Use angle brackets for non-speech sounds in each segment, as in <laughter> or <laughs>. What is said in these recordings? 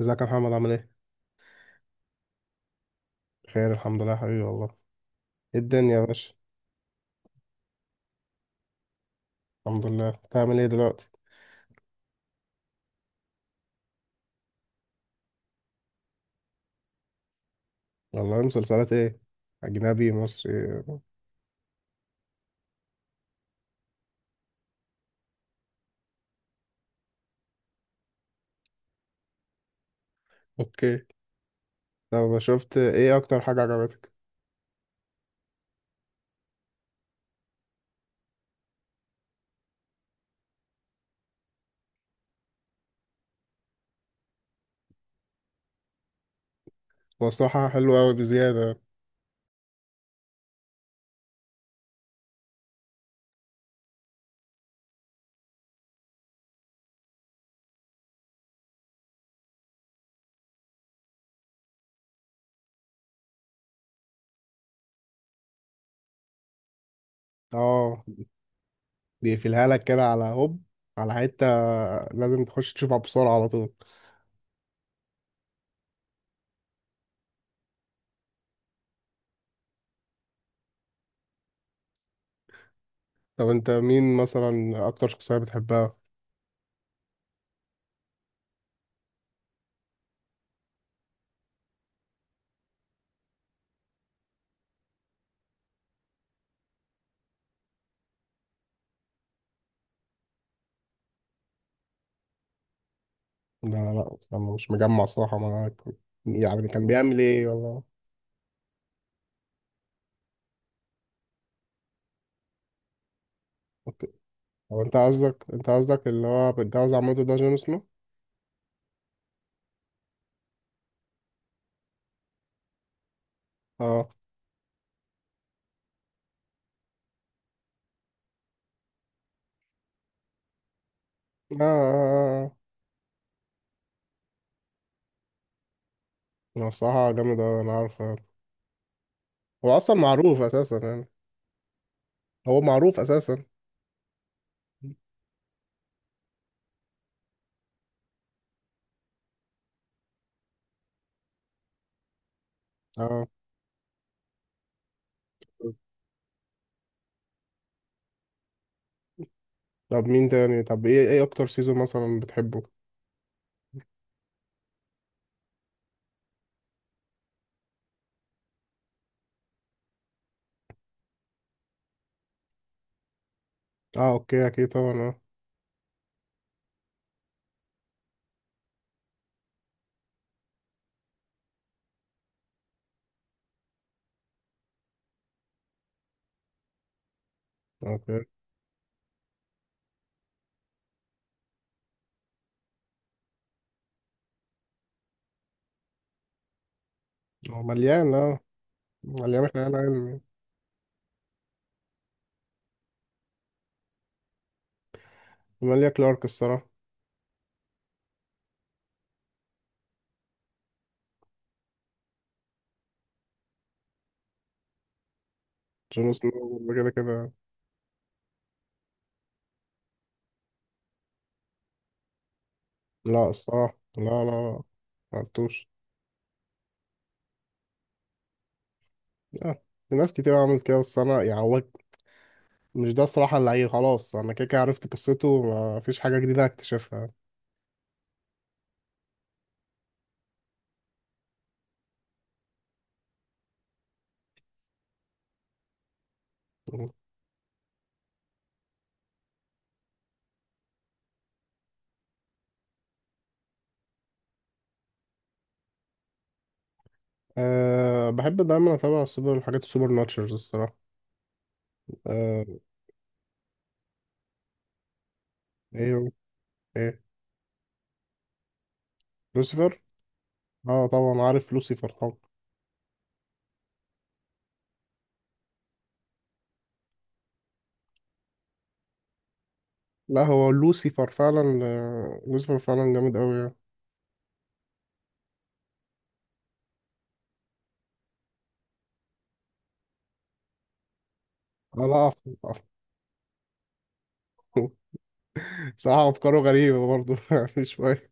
ازيك يا محمد عامل ايه؟ بخير الحمد لله يا حبيبي والله. ايه الدنيا يا باشا؟ الحمد لله. بتعمل ايه دلوقتي؟ والله مسلسلات ايه؟ اجنبي، مصري. اوكي. طب شفت ايه اكتر حاجة عجبتك؟ هو الصراحة حلو اوي بزيادة. اه، بيقفلها لك كده على هوب، على حتة، لازم تخش تشوفها بسرعة على طول. طب انت مين مثلا اكتر شخصية بتحبها؟ لا، لا، لا، انا مش مجمع الصراحة معاك. يعني كان بيعمل ايه والله؟ اوكي، هو انت قصدك اللي هو بيتجوز عمته ده جون سنو؟ اه، اه، آه، آه. هو الصراحة جامد أوي، أنا عارف. هو أصلا معروف أساسا يعني. هو معروف أساسا. اه، طب مين تاني. طب إيه أكتر سيزون مثلا بتحبه؟ اه، أوكي، أكيد طبعا، اه، أوكي. هو مليان خيال علمي. ماليا كلارك الصراحة. جون سنو كده كده. لا الصراحة، لا، لا، لا. معرفتوش. لا، في ناس كتير عملت كده، بس أنا يعني هو مش ده الصراحة، اللي هي خلاص أنا كده كده عرفت قصته. مفيش حاجة جديدة هكتشفها. أه، بحب دايما اتابع الحاجات السوبر ناتشرز الصراحه. أه. ايه هو؟ ايه؟ لوسيفر. اه، طبعا عارف لوسيفر طبعا. لا، هو لوسيفر فعلا جامد قوي يعني. اه، لا، عفو، عفو. <laughs> صراحه افكاره غريبه برضو، <laughs> يعني شويه.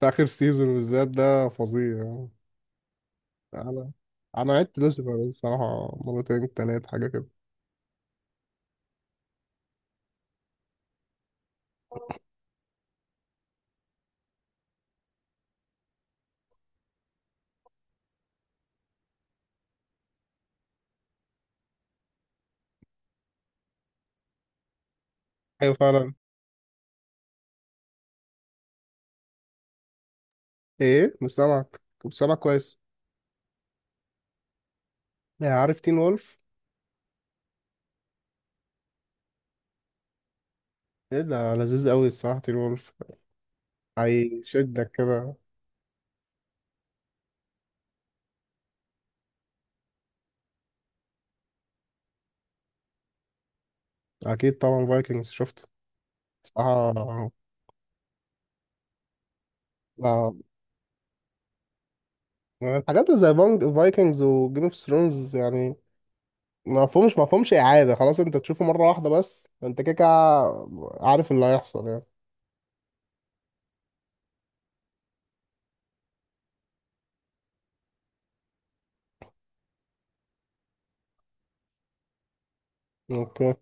في اخر سيزون بالذات ده فظيع يعني. انا انا عدت لوسيفر الصراحه مرتين، تلات حاجه كده. ايوه فعلا. ايه؟ مش سامعك كويس. آه، عارف تين وولف. ايه ده لذيذ قوي الصراحه، تين وولف، هيشدك كده. اكيد طبعا فايكنجز شفت، صراحه. آه، الحاجات زي بانج فايكنجز وجيم اوف ثرونز يعني. ما فهمش اعاده، خلاص انت تشوفه مره واحده بس، انت كده كده عارف اللي هيحصل يعني. اوكي.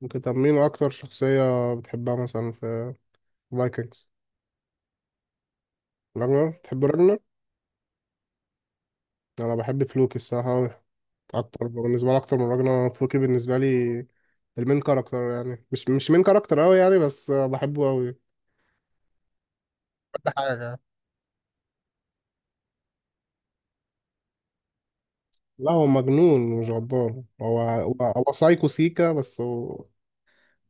ممكن طب مين اكتر شخصيه بتحبها مثلا في فايكنجز؟ راجنر، بتحب راجنر. انا بحب فلوكي الصراحه أوي. اكتر بالنسبه لي، اكتر من راجنر، فلوكي بالنسبه لي. المين كاركتر يعني، مش مين كاركتر قوي يعني، بس بحبه قوي كل حاجه. لا، هو مجنون مش غدار، هو سايكو سيكا، بس هو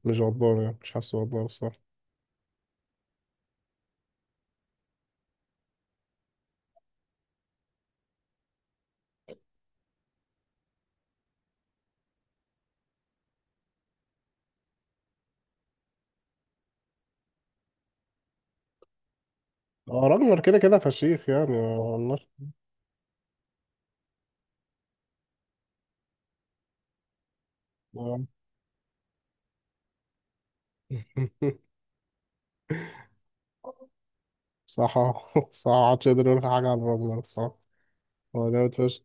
مش غدار يعني، مش حاسه غدار الصراحة. هو راجنر كده كده فشيخ يعني، ما قلناش. ما- <laughs> صح، صح، محدش يقدر يقول حاجة عن راجنر الصراحة. هو جامد فشخ.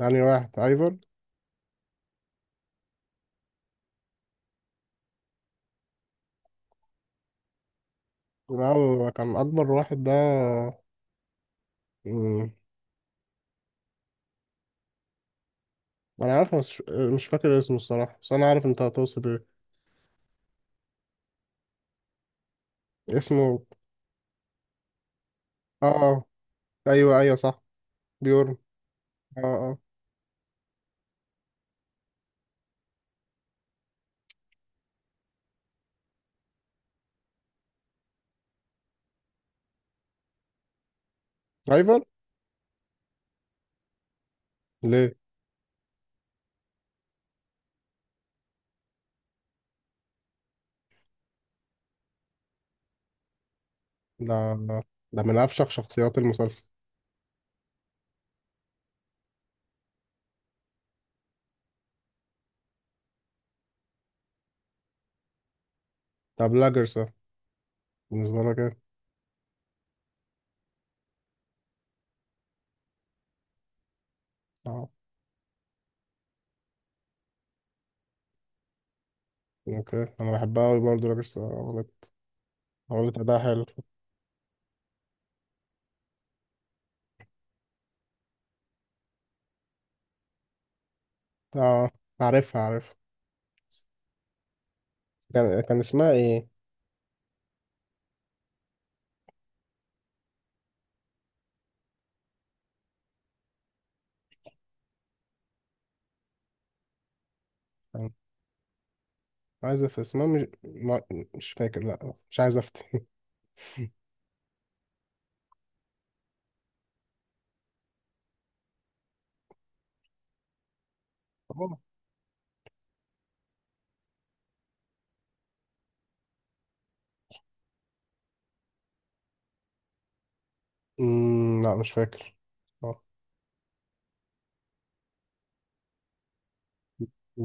يعني واحد ايفر؟ لا، هو كان أكبر واحد ده. مم. أنا عارف بس مش فاكر اسمه الصراحة، بس أنا عارف أنت هتقصد إيه. اسمه؟ آه، آه. أيوه، أيوه، صح. بيورن. آه. آه، ايفر؟ ليه؟ ده ده من أفشخ شخصيات المسلسل. طب لاجرسا، بالنسبة لك ايه؟ اه، اوكي، انا بحبها اوي برضه لاجرسا. عملت اداء حلو. اه، عارفها عارفها. كان اسمها ايه؟ كان عايز في اسمها مش ما. مش فاكر، لا مش عايز افتي. أوه. <laughs> لا مش فاكر. اه.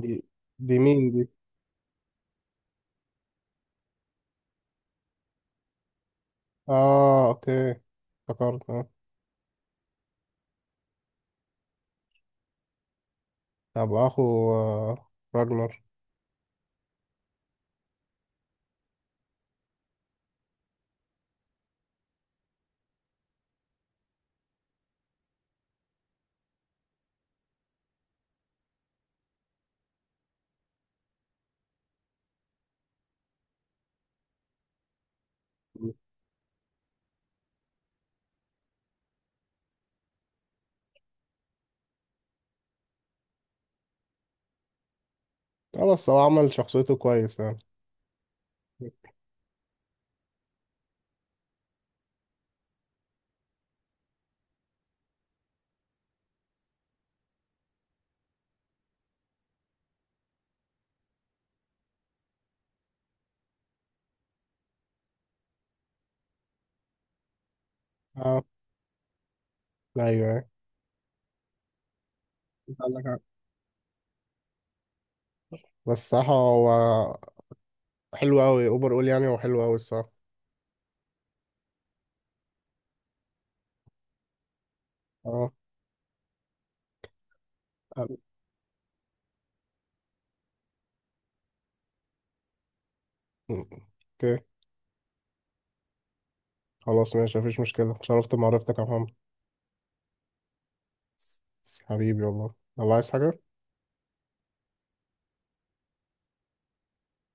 دي دي مين دي؟ اه، اوكي افتكرت، اه. طب اخو راجنر. اه، بس هو عمل شخصيته كويس يعني. اه، ايوه، انت عندك، بس الصراحة هو حلو أوي أوبر أول، يعني هو حلو أوي الصراحة. أه، أوكي، خلاص، ماشي، مفيش مشكلة. اتشرفت بمعرفتك يا محمد. حبيبي والله. الله، عايز حاجة؟